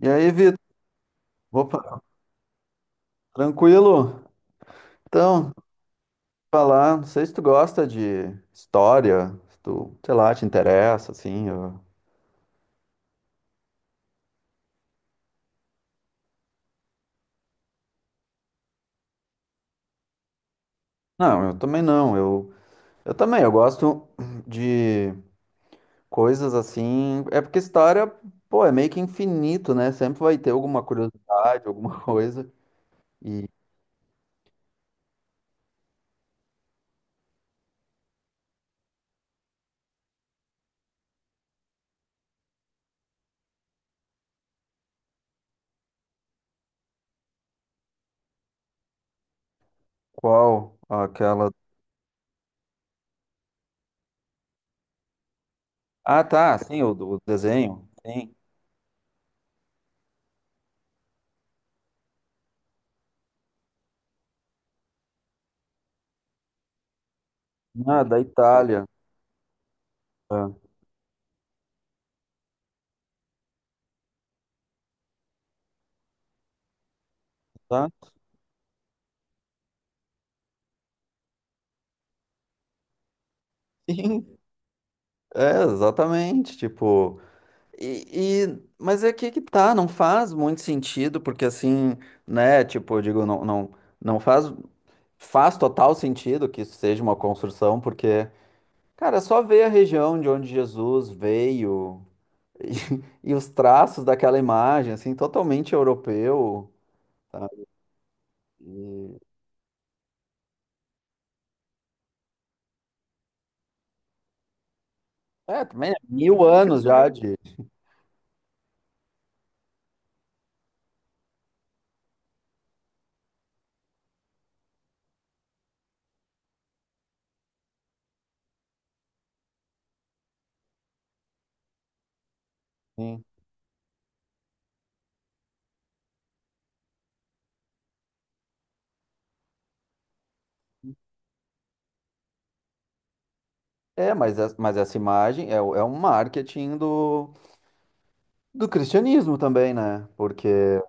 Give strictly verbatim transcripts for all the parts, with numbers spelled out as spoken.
E aí, Vitor? Opa, tranquilo? Então, falar, não sei se tu gosta de história, se tu, sei lá, te interessa, assim. eu- Não, eu também não. Eu, eu também, eu gosto de coisas assim. É porque história, pô, é meio que infinito, né? Sempre vai ter alguma curiosidade, alguma coisa. E qual aquela. Ah, tá, sim, o, do o desenho. Sim. Ah, da Itália. Ah, tá. Sim, é, exatamente. Tipo. E, e- mas é que que tá, não faz muito sentido, porque assim, né, tipo, eu digo, não, não, não faz, faz total sentido que isso seja uma construção, porque, cara, é só ver a região de onde Jesus veio e, e os traços daquela imagem, assim, totalmente europeu. E, é, também é mil anos já de. Sim. É, mas, es- mas essa imagem é, o- é um marketing do, do cristianismo também, né? Porque.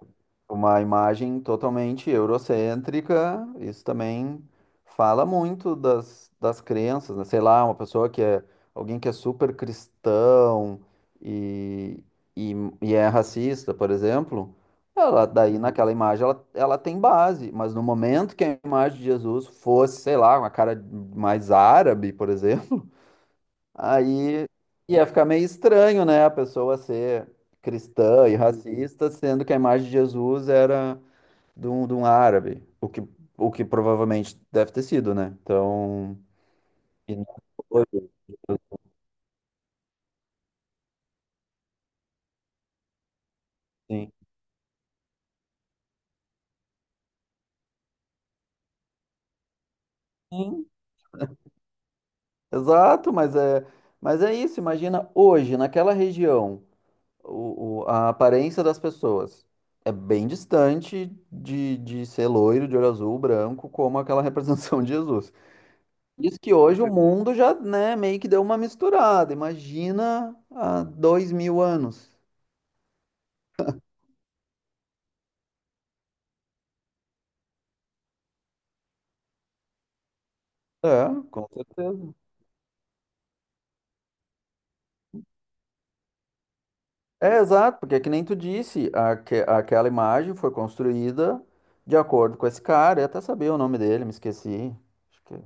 Uma imagem totalmente eurocêntrica, isso também fala muito das, das crenças, né? Sei lá, uma pessoa que é alguém que é super cristão e, e, e é racista, por exemplo, ela daí naquela imagem ela, ela tem base, mas no momento que a imagem de Jesus fosse, sei lá, uma cara mais árabe, por exemplo, aí ia ficar meio estranho, né? A pessoa ser cristã e racista, sendo que a imagem de Jesus era de um, de um árabe, o que, o que provavelmente deve ter sido, né? Então, e não foi, sim. Sim, exato, mas é, mas é isso. Imagina hoje, naquela região, o, o- a aparência das pessoas é bem distante de, de ser loiro, de olho azul, branco, como aquela representação de Jesus. Isso que hoje o mundo já, né, meio que deu uma misturada. Imagina há dois mil anos. É, com certeza. É, exato, porque é que nem tu disse, aque- aquela imagem foi construída de acordo com esse cara, eu até sabia o nome dele, me esqueci. Acho que é,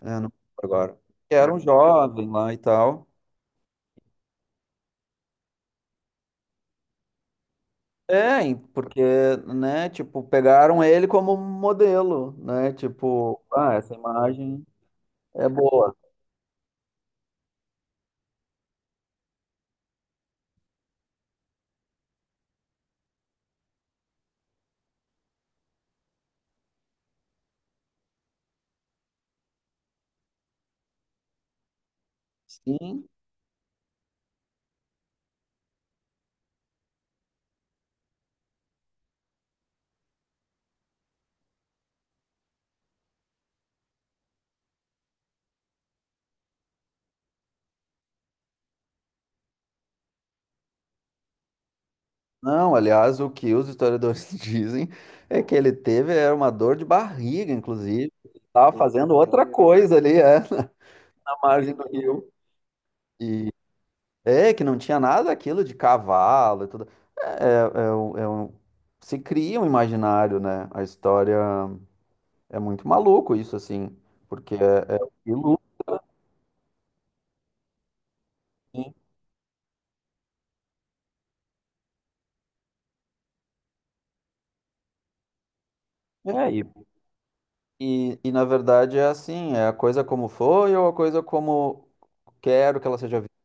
não lembro agora. Que era um jovem lá e tal. É, e porque, né, tipo, pegaram ele como modelo, né? Tipo, ah, essa imagem é boa. Sim. Não, aliás, o que os historiadores dizem é que ele teve era uma dor de barriga, inclusive. Ele tava fazendo outra coisa ali, é, na margem do rio. É, que não tinha nada aquilo de cavalo e tudo. É, é, é um- é um- Se cria um imaginário, né? A história é muito maluco isso, assim, porque é, é o que ilustra, né? É, e, e, e, na verdade é assim, é a coisa como foi ou a coisa como quero que ela seja vista.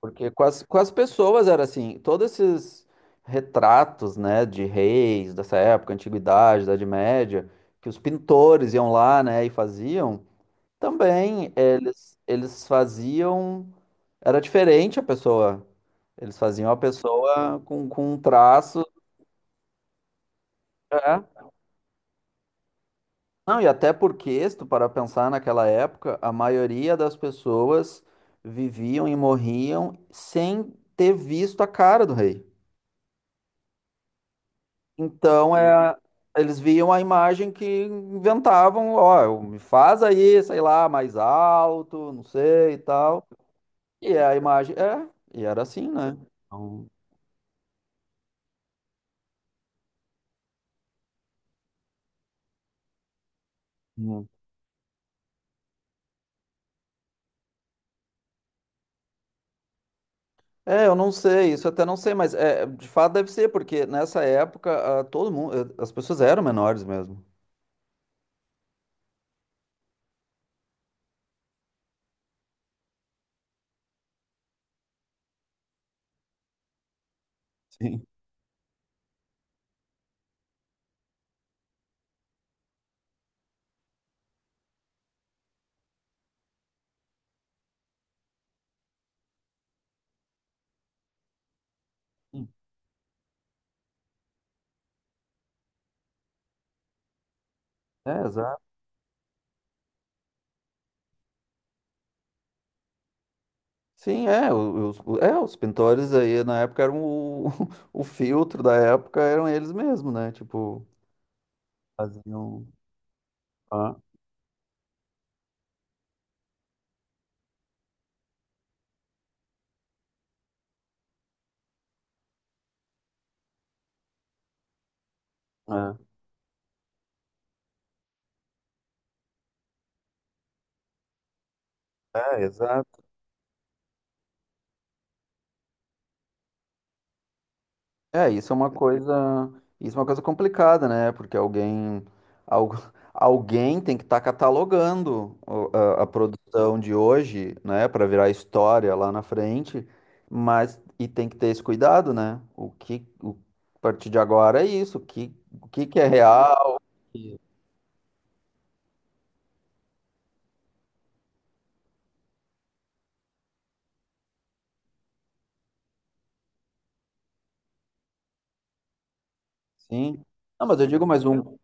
Porque com as, com as pessoas era assim, todos esses retratos, né, de reis dessa época, antiguidade, Idade Média, que os pintores iam lá, né, e faziam. Também eles, eles faziam. Era diferente a pessoa. Eles faziam a pessoa com, com um traço. É. Não, e até porque, se tu parar pra pensar naquela época, a maioria das pessoas viviam e morriam sem ter visto a cara do rei. Então é, eles viam a imagem que inventavam, ó, eu- me faz aí, sei lá, mais alto, não sei e tal. E é a imagem, é, e era assim, né? Então, hum. É, eu não sei, isso eu até não sei, mas é, de fato deve ser, porque nessa época ah, todo mundo, eh, as pessoas eram menores mesmo. Sim. Sim. É, exato. Sim, é, o- os, o- é, os pintores aí na época eram o, o filtro da época, eram eles mesmo, né? Tipo, faziam. Ah, é, é, exato. É, isso é uma coisa, isso é uma coisa complicada, né? Porque alguém, algu- alguém tem que estar catalogando o- a, a produção de hoje, né, para virar história lá na frente, mas e tem que ter esse cuidado, né? O que, o- a partir de agora é isso, o que, o que que é real, sim? Não, mas eu digo mais um,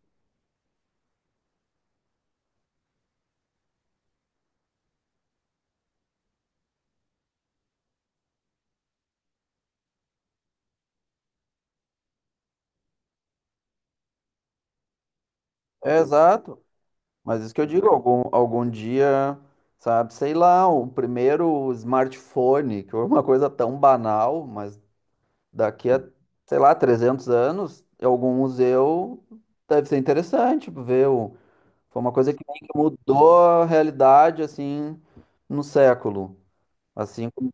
é exato, mas isso que eu digo, algum, algum dia, sabe, sei lá, o primeiro smartphone, que é uma coisa tão banal, mas daqui a, sei lá, trezentos anos, em algum museu deve ser interessante, tipo, ver o... Foi uma coisa que meio que mudou a realidade, assim, no século. Assim, como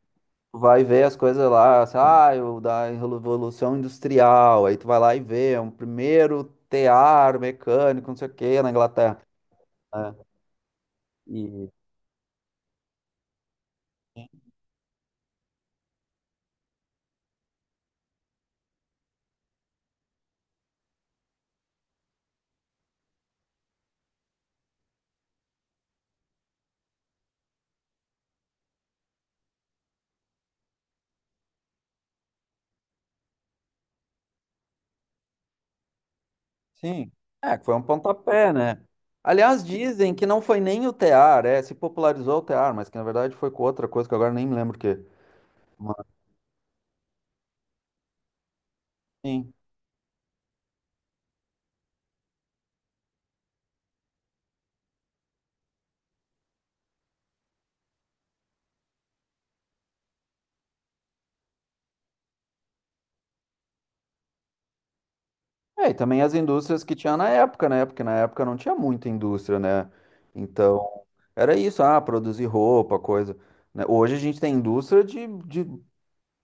tu vai ver as coisas lá, assim, ah, o da Revolução Industrial, aí tu vai lá e vê, é um primeiro tear mecânico, não sei o quê, na Inglaterra. Né? E, sim, é, que foi um pontapé, né? Aliás, dizem que não foi nem o tear, é, se popularizou o tear, mas que na verdade foi com outra coisa que agora nem me lembro o quê. Mas, sim. É, e também as indústrias que tinha na época, né? Porque na época não tinha muita indústria, né? Então, era isso, ah, produzir roupa, coisa. Né? Hoje a gente tem indústria de, de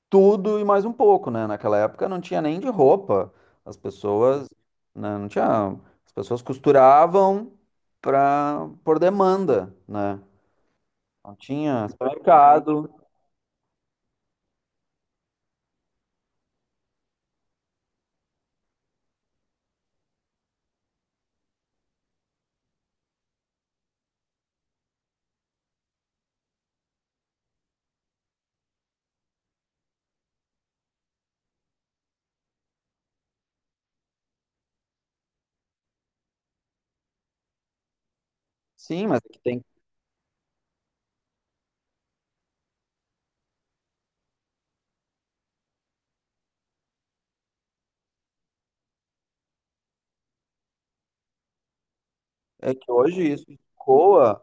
tudo e mais um pouco, né? Naquela época não tinha nem de roupa. As pessoas, né, não tinha. As pessoas costuravam pra, por demanda, né? Não tinha supermercado. Sim, mas é que tem, é que hoje isso ecoa.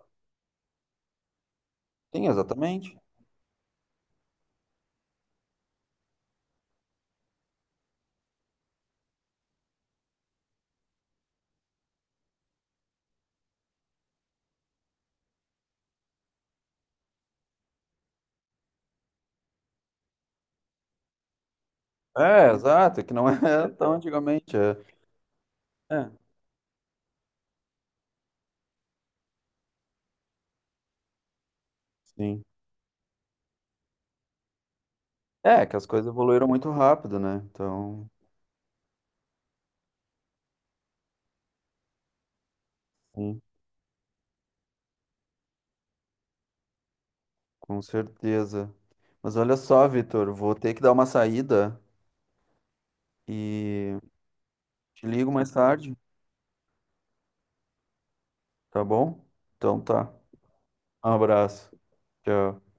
Sim, exatamente. É, exato, que não é tão antigamente. É, é, sim. É, que as coisas evoluíram muito rápido, né? Então, sim, com certeza. Mas olha só, Vitor, vou ter que dar uma saída e te ligo mais tarde, tá bom? Então tá. Um abraço. Tchau.